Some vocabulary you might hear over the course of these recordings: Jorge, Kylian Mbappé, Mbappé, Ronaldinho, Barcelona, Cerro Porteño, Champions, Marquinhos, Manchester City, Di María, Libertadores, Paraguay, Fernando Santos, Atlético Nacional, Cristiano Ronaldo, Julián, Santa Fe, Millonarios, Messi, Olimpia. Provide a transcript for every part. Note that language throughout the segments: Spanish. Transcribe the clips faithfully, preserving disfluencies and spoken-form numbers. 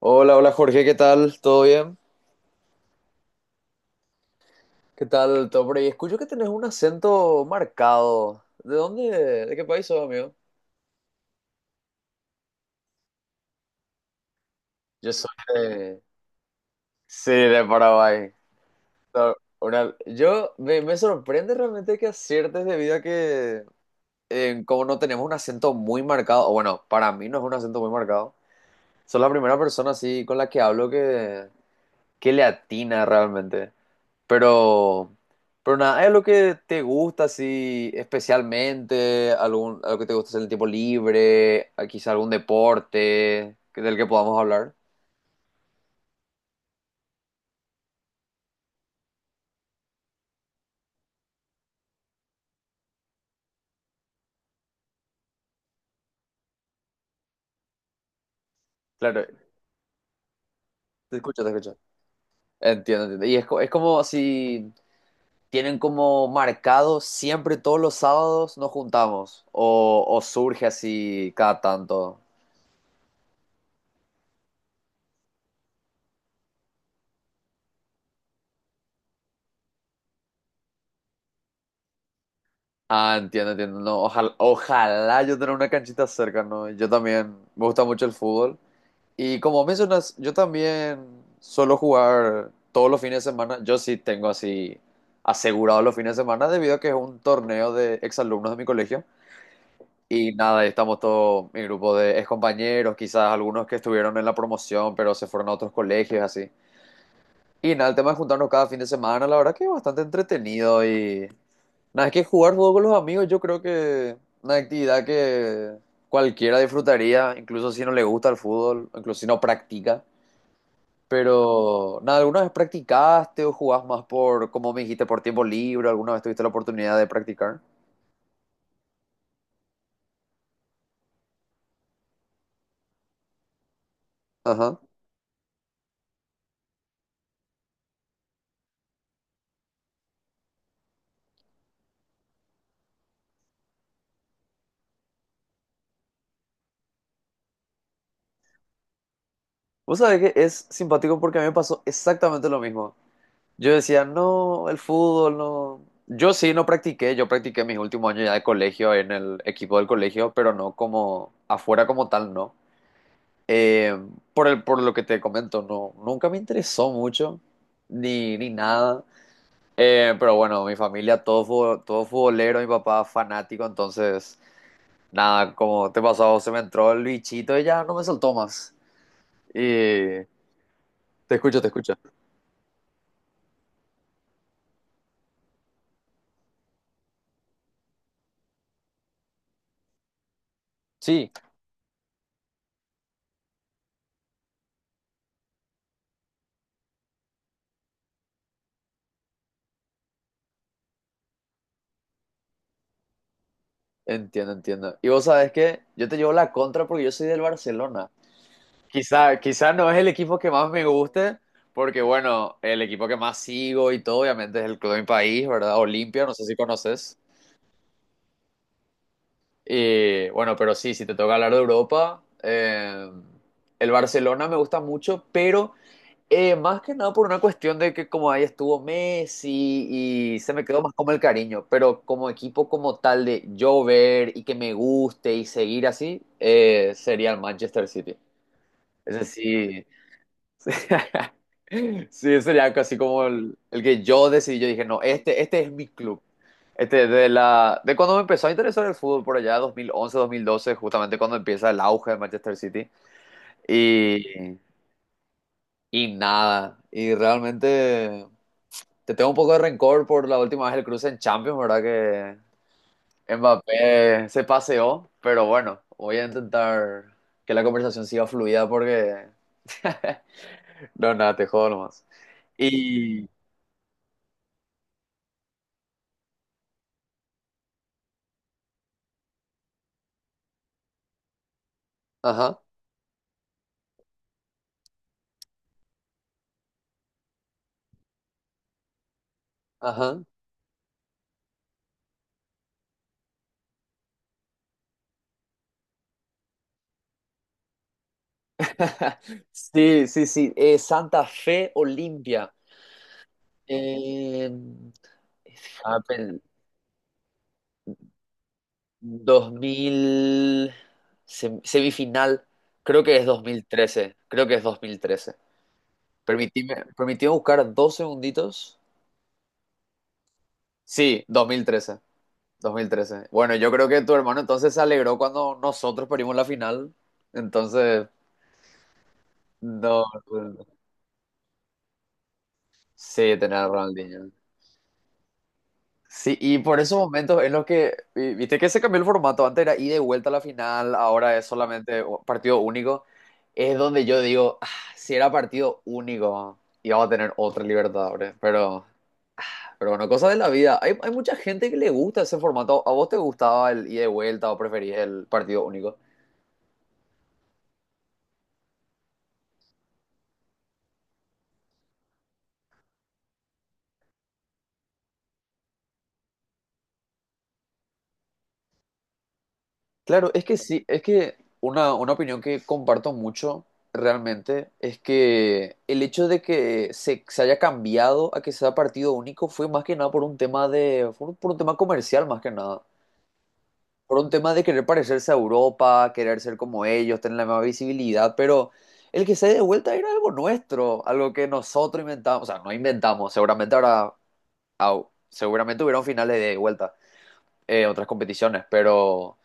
Hola, hola Jorge, ¿qué tal? ¿Todo bien? ¿Qué tal, todo por ahí? Escucho que tenés un acento marcado. ¿De dónde? ¿De qué país sos, amigo? Yo soy de... Sí, de Paraguay. No, una- Yo me, me sorprende realmente que aciertes debido a que eh, como no tenemos un acento muy marcado, o bueno, para mí no es un acento muy marcado. Sos la primera persona así con la que hablo que qué le atina realmente. Pero, pero nada, ¿hay algo que te gusta así especialmente? ¿Algún, algo que te gusta hacer en el tiempo libre? ¿A ¿Quizá algún deporte que- del que podamos hablar? Claro, te escucho, te escucho. Entiendo, entiendo. Y es, co- es como si tienen como marcado siempre todos los sábados nos juntamos o, o surge así cada tanto. Ah, entiendo, entiendo. No, ojalá, ojalá yo tener una canchita cerca, ¿no? Yo también me gusta mucho el fútbol. Y como mencionas, yo también suelo jugar todos los fines de semana. Yo sí tengo así asegurado los fines de semana debido a que es un torneo de exalumnos de mi colegio. Y nada, ahí estamos todo mi grupo de excompañeros, quizás algunos que estuvieron en la promoción, pero se fueron a otros colegios, así. Y nada, el tema de juntarnos cada fin de semana, la verdad que es bastante entretenido y nada, es que jugar fútbol con los amigos yo creo que una actividad que cualquiera disfrutaría, incluso si no le gusta el fútbol, incluso si no practica. Pero nada, ¿alguna vez practicaste o jugás más por, como me dijiste, por tiempo libre? ¿Alguna vez tuviste la oportunidad de practicar? Ajá. Vos sabés que es simpático porque a mí me pasó exactamente lo mismo. Yo decía, no, el fútbol, no. Yo sí no practiqué, yo practiqué mis últimos años ya de colegio en el equipo del colegio, pero no como afuera como tal, no. Eh, por el, por lo que te comento, no, nunca me interesó mucho, ni, ni nada. Eh, pero bueno, mi familia, todo, fu- todo futbolero, mi papá fanático, entonces, nada, como te pasó, a vos, se me entró el bichito y ya no me soltó más. Y te escucho, te escucho. Sí, entiendo, entiendo. Y vos sabés que yo te llevo la contra porque yo soy del Barcelona. Quizá, quizá no es el equipo que más me guste, porque bueno, el equipo que más sigo y todo, obviamente, es el club de mi país, ¿verdad? Olimpia, no sé si conoces. Y bueno, pero sí, si te toca hablar de Europa, eh, el Barcelona me gusta mucho, pero eh, más que nada por una cuestión de que como ahí estuvo Messi y se me quedó más como el cariño, pero como equipo como tal de yo ver y que me guste y seguir así, eh, sería el Manchester City. Es decir, Sí, sería casi como el, el que yo decidí. Yo dije, no, este, este es mi club. Este, de la, de cuando me empezó a interesar el fútbol por allá, dos dos mil once dos mil doce justamente cuando empieza el auge de Manchester City. Y, y nada, y realmente te tengo un poco de rencor por la última vez el cruce en Champions, ¿verdad? Que Mbappé se paseó, pero bueno, voy a intentar que la conversación siga fluida porque... No, nada, te jodo nomás. Y... Ajá. Ajá. Sí, sí, sí. Eh, Santa Fe Olimpia. Eh, ah, pel- 2000, sem- semifinal, creo que es dos mil trece, creo que es dos mil trece. Permitime, permitime buscar dos segunditos. Sí, dos dos mil trece, dos mil trece. Bueno, yo creo que tu hermano entonces se alegró cuando nosotros perdimos la final, entonces, no, no, no. Sí, tener a Ronaldinho. Sí, y por esos momentos en los que, vi- viste que se cambió el formato, antes era ida y vuelta a la final, ahora es solamente u- partido único, es donde yo digo, "Ah, si era partido único, íbamos a tener otra Libertadores, pero, pero bueno, cosas de la vida, hay, hay mucha gente que le gusta ese formato, ¿a vos te gustaba el ida y vuelta o preferís el partido único? Claro, es que sí, es que una, una opinión que comparto mucho realmente es que el hecho de que se, se haya cambiado a que sea partido único fue más que nada por un tema de, por, un por un tema comercial más que nada, por un tema de querer parecerse a Europa, querer ser como ellos, tener la misma visibilidad, pero el que se dé de vuelta era algo nuestro, algo que nosotros inventamos, o sea, no inventamos, seguramente ahora, seguramente hubieron finales de vuelta, eh, otras competiciones, pero...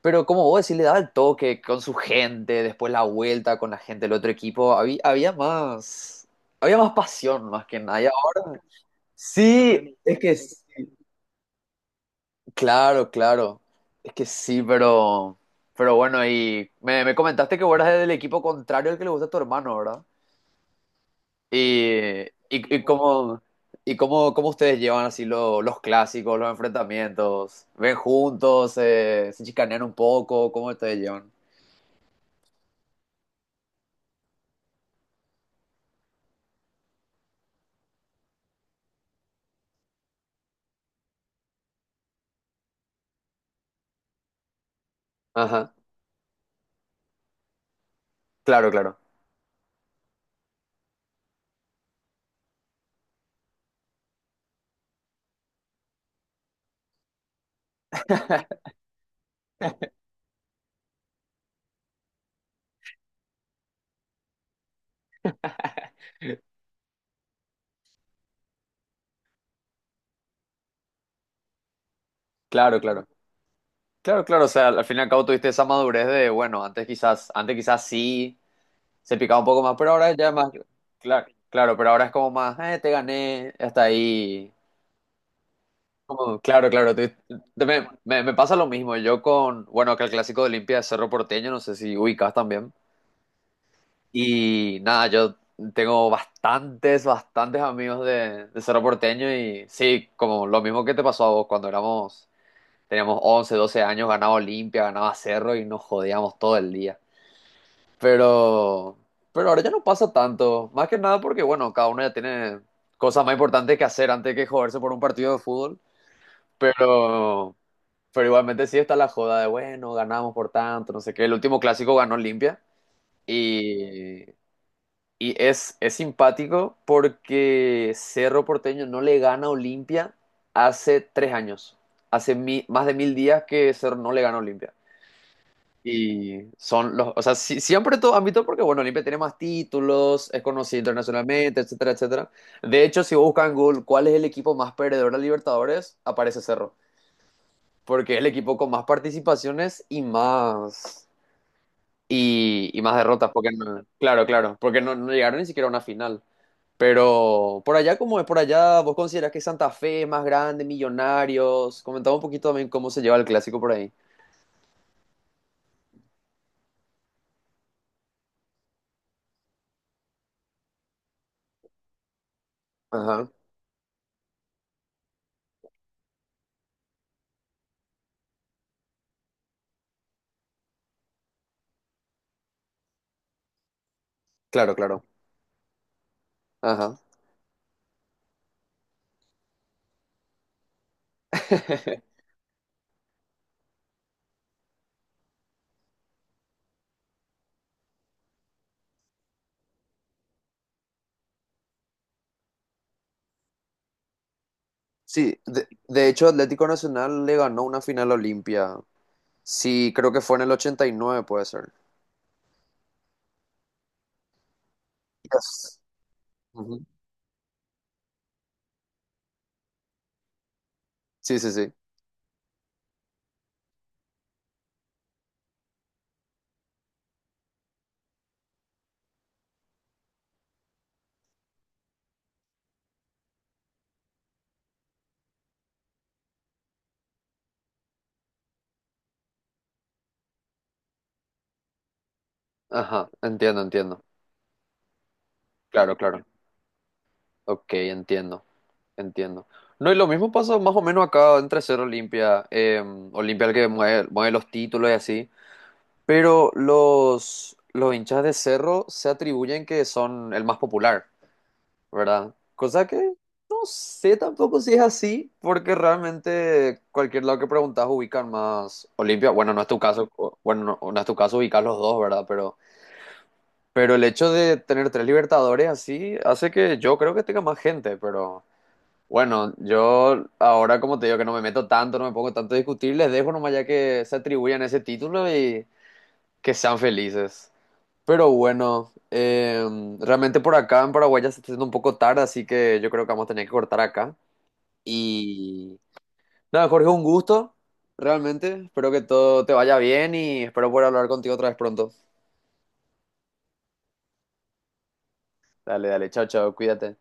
Pero como vos decís, le daba el toque con su gente, después la vuelta con la gente del otro equipo. Había, había más, había más pasión más que nada. Y ahora, sí, es que, es- claro, claro, es que sí, pero, pero bueno, y me, me comentaste que vos eras del equipo contrario al que le gusta a tu hermano, ¿verdad? Y, y, y cómo, y cómo, cómo ustedes llevan así lo- los clásicos, los enfrentamientos. ¿Ven juntos? Eh, ¿se chicanean un poco? ¿Cómo ustedes llevan? Ajá, claro, claro. Claro, claro. Claro, claro. O sea, al fin y al cabo tuviste esa madurez de, bueno, antes quizás, antes quizás sí se picaba un poco más, pero ahora ya es más. Claro, claro, pero ahora es como más, eh, te gané, hasta ahí. Como, claro, claro. tú- te- me, me- me pasa lo mismo. Yo con, bueno, acá el clásico de Olimpia es Cerro Porteño, no sé si ubicas también. Y nada, yo tengo bastantes, bastantes amigos de, de Cerro Porteño y sí, como lo mismo que te pasó a vos cuando éramos Teníamos once doce años, ganaba Olimpia, ganaba Cerro y nos jodíamos todo el día. Pero, pero ahora ya no pasa tanto. Más que nada porque, bueno, cada uno ya tiene cosas más importantes que hacer antes que joderse por un partido de fútbol. Pero, pero igualmente sí está la joda de, bueno, ganamos por tanto, no sé qué. El último clásico ganó Olimpia y, y es, es simpático porque Cerro Porteño no le gana a Olimpia hace tres años. Hace mi- más de mil días que Cerro no le gana a Olimpia. Y son los, o sea, sí- siempre todo ámbito porque, bueno, Olimpia tiene más títulos, es conocido internacionalmente, etcétera, etcétera. De hecho, si buscan en Google cuál es el equipo más perdedor de Libertadores, aparece Cerro, porque es el equipo con más participaciones y más, y, y más derrotas, porque no- claro, claro, porque no, no llegaron ni siquiera a una final. Pero por allá, ¿cómo es por allá? ¿Vos considerás que Santa Fe es más grande, Millonarios? Comentaba un poquito también cómo se lleva el clásico por ahí. Ajá, claro, claro. Ajá. Sí, de, de hecho Atlético Nacional le ganó una final a Olimpia. Sí, creo que fue en el ochenta y nueve, puede ser. Yes. Ujú. Sí, sí, sí. Ajá, entiendo, entiendo. Claro, claro. Ok, entiendo, entiendo. No, y lo mismo pasa más o menos acá entre ser Olimpia, eh, Olimpia el que mueve, mueve los títulos y así, pero los, los hinchas de Cerro se atribuyen que son el más popular, ¿verdad? Cosa que no sé tampoco si es así, porque realmente cualquier lado que preguntas ubican más Olimpia. Bueno, no es tu caso, o- bueno, no, no es tu caso ubicar los dos, ¿verdad? Pero, pero el hecho de tener tres Libertadores así hace que yo creo que tenga más gente, pero bueno, yo ahora como te digo que no me meto tanto, no me pongo tanto a discutir, les dejo nomás ya que se atribuyan ese título y que sean felices. Pero bueno, eh, realmente por acá en Paraguay ya se está haciendo un poco tarde, así que yo creo que vamos a tener que cortar acá. Y nada, Jorge, un gusto, realmente. Espero que todo te vaya bien y espero poder hablar contigo otra vez pronto. Dale, dale, chao, chao, cuídate.